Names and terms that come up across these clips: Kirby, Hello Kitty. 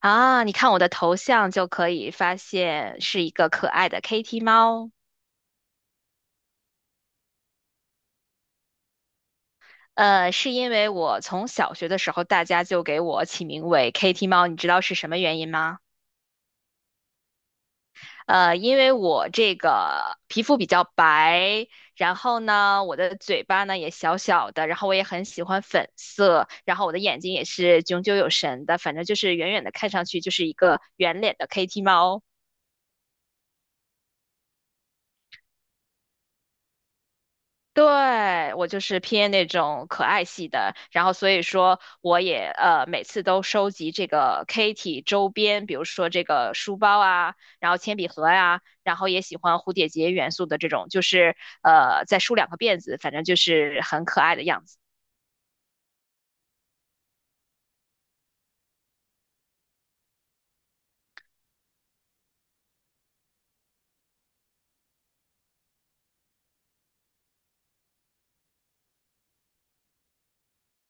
啊，你看我的头像就可以发现是一个可爱的 Kitty 猫。是因为我从小学的时候，大家就给我起名为 Kitty 猫，你知道是什么原因吗？因为我这个皮肤比较白，然后呢，我的嘴巴呢也小小的，然后我也很喜欢粉色，然后我的眼睛也是炯炯有神的，反正就是远远的看上去就是一个圆脸的 Kitty 猫。对，我就是偏那种可爱系的，然后所以说我也每次都收集这个 Kitty 周边，比如说这个书包啊，然后铅笔盒呀、然后也喜欢蝴蝶结元素的这种，就是再梳两个辫子，反正就是很可爱的样子。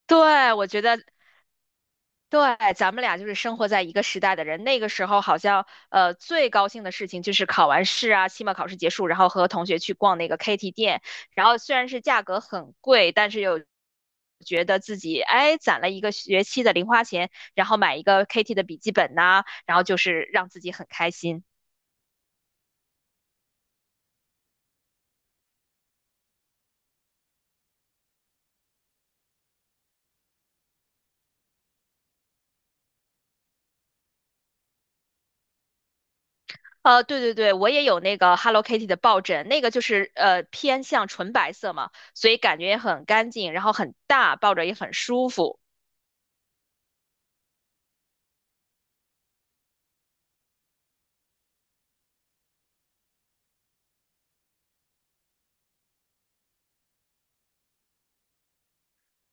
对，我觉得对，咱们俩就是生活在一个时代的人。那个时候好像，最高兴的事情就是考完试啊，期末考试结束，然后和同学去逛那个 KT 店，然后虽然是价格很贵，但是又觉得自己哎攒了一个学期的零花钱，然后买一个 KT 的笔记本呐、然后就是让自己很开心。对对对，我也有那个 Hello Kitty 的抱枕，那个就是偏向纯白色嘛，所以感觉也很干净，然后很大，抱着也很舒服。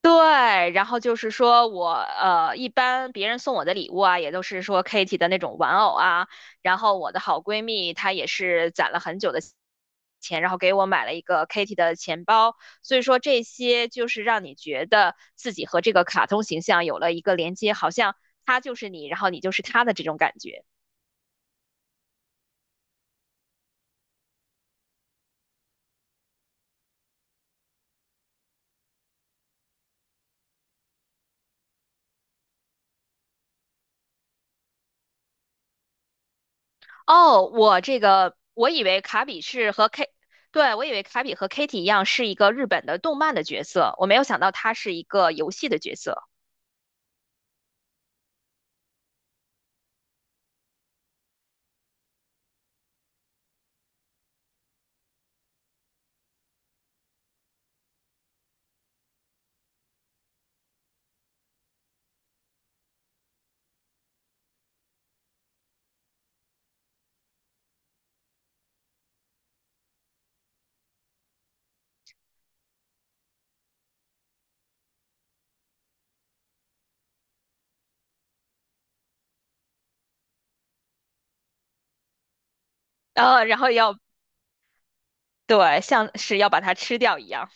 对，然后就是说我一般别人送我的礼物啊，也都是说 Kitty 的那种玩偶啊。然后我的好闺蜜她也是攒了很久的钱，然后给我买了一个 Kitty 的钱包。所以说这些就是让你觉得自己和这个卡通形象有了一个连接，好像它就是你，然后你就是它的这种感觉。哦，我这个我以为卡比是和 K，对，我以为卡比和 Kitty 一样是一个日本的动漫的角色，我没有想到他是一个游戏的角色，呃，然后要对，像是要把它吃掉一样。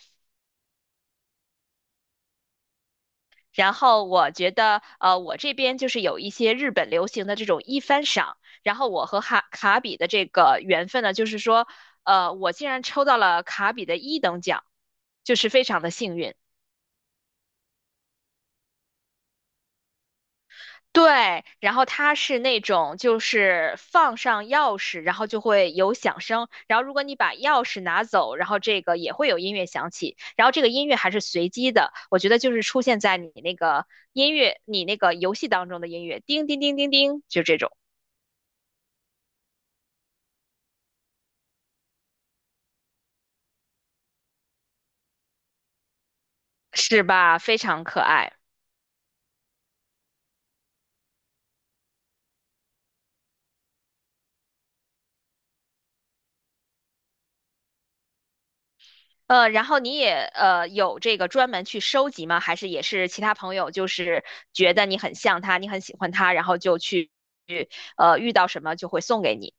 然后我觉得，我这边就是有一些日本流行的这种一番赏，然后我和哈卡比的这个缘分呢，就是说，我竟然抽到了卡比的一等奖，就是非常的幸运。对，然后它是那种就是放上钥匙，然后就会有响声，然后如果你把钥匙拿走，然后这个也会有音乐响起，然后这个音乐还是随机的，我觉得就是出现在你那个音乐，你那个游戏当中的音乐，叮叮叮叮叮，就这种，是吧？非常可爱。然后你也有这个专门去收集吗？还是也是其他朋友就是觉得你很像他，你很喜欢他，然后就去遇到什么就会送给你？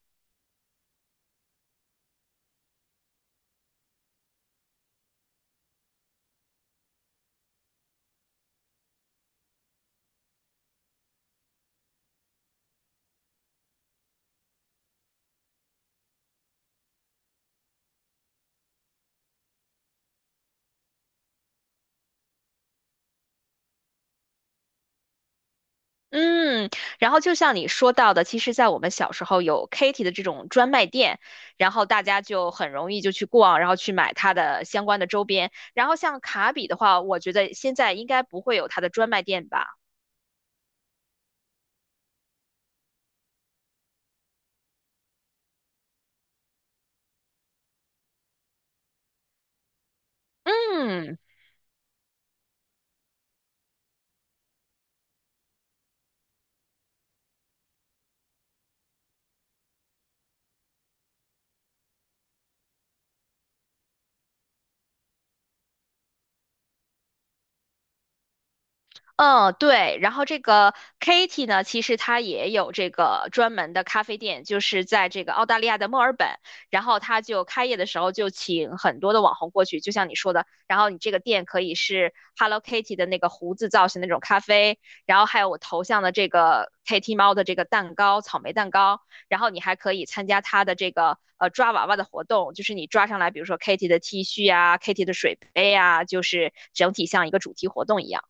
嗯，然后就像你说到的，其实，在我们小时候有 Kitty 的这种专卖店，然后大家就很容易就去逛，然后去买它的相关的周边。然后像卡比的话，我觉得现在应该不会有它的专卖店吧？嗯。嗯，对。然后这个 Katy 呢，其实她也有这个专门的咖啡店，就是在这个澳大利亚的墨尔本。然后她就开业的时候就请很多的网红过去，就像你说的。然后你这个店可以是 Hello Kitty 的那个胡子造型的那种咖啡，然后还有我头像的这个 Kitty 猫的这个蛋糕，草莓蛋糕。然后你还可以参加它的这个抓娃娃的活动，就是你抓上来，比如说 Kitty 的 T 恤啊，Kitty 的水杯啊，就是整体像一个主题活动一样。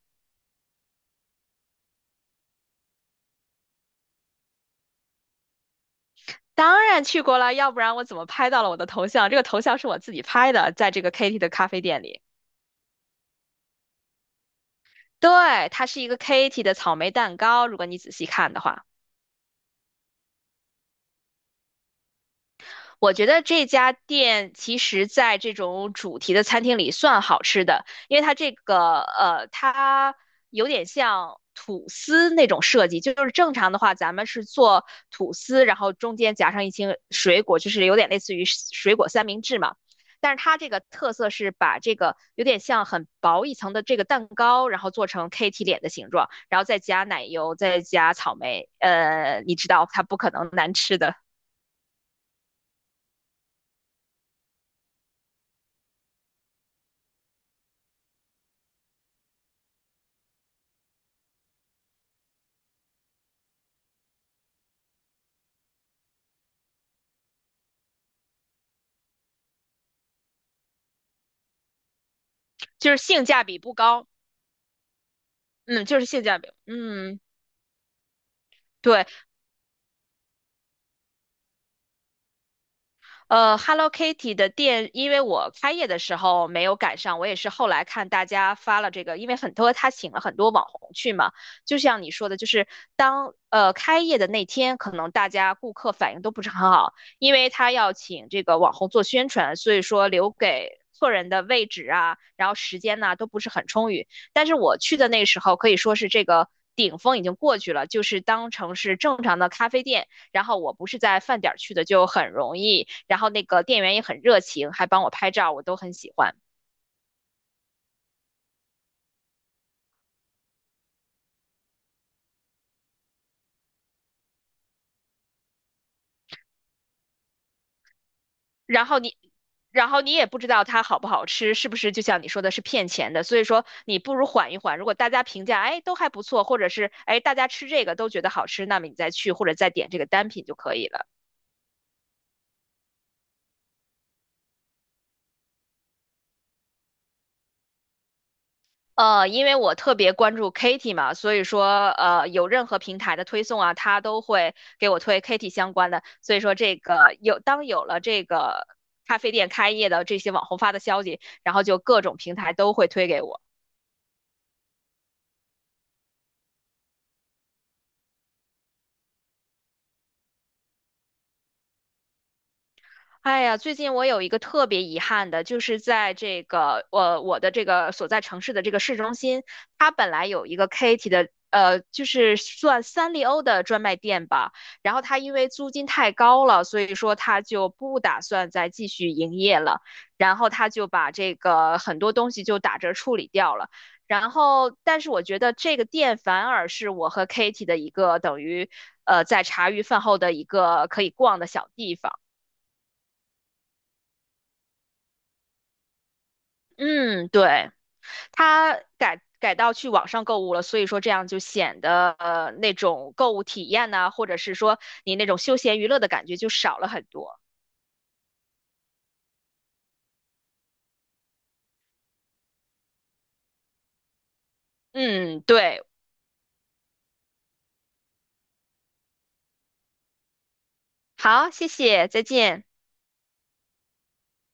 当然去过了，要不然我怎么拍到了我的头像？这个头像是我自己拍的，在这个 Katy 的咖啡店里。对，它是一个 Katy 的草莓蛋糕，如果你仔细看的话。我觉得这家店其实在这种主题的餐厅里算好吃的，因为它这个它有点像吐司那种设计，就是正常的话，咱们是做吐司，然后中间夹上一些水果，就是有点类似于水果三明治嘛。但是它这个特色是把这个有点像很薄一层的这个蛋糕，然后做成 KT 脸的形状，然后再加奶油，再加草莓，你知道它不可能难吃的，就是性价比不高。嗯，就是性价比。嗯，对，Hello Kitty 的店，因为我开业的时候没有赶上，我也是后来看大家发了这个，因为很多他请了很多网红去嘛，就像你说的，就是当开业的那天，可能大家顾客反应都不是很好，因为他要请这个网红做宣传，所以说留给客人的位置啊，然后时间呐都不是很充裕。但是我去的那时候可以说是这个顶峰已经过去了，就是当成是正常的咖啡店。然后我不是在饭点儿去的，就很容易。然后那个店员也很热情，还帮我拍照，我都很喜欢。然后你，然后你也不知道它好不好吃，是不是就像你说的是骗钱的？所以说你不如缓一缓。如果大家评价哎都还不错，或者是哎大家吃这个都觉得好吃，那么你再去或者再点这个单品就可以了。因为我特别关注 Kitty 嘛，所以说有任何平台的推送啊，它都会给我推 Kitty 相关的。所以说这个有，当有了这个咖啡店开业的这些网红发的消息，然后就各种平台都会推给我。哎呀，最近我有一个特别遗憾的，就是在这个我的这个所在城市的这个市中心，它本来有一个 Katy 的，就是算三丽鸥的专卖店吧。然后它因为租金太高了，所以说它就不打算再继续营业了。然后它就把这个很多东西就打折处理掉了。然后，但是我觉得这个店反而是我和 Katy 的一个等于，在茶余饭后的一个可以逛的小地方。嗯，对，他改到去网上购物了，所以说这样就显得那种购物体验呐、或者是说你那种休闲娱乐的感觉就少了很多。嗯，对，好，谢谢，再见。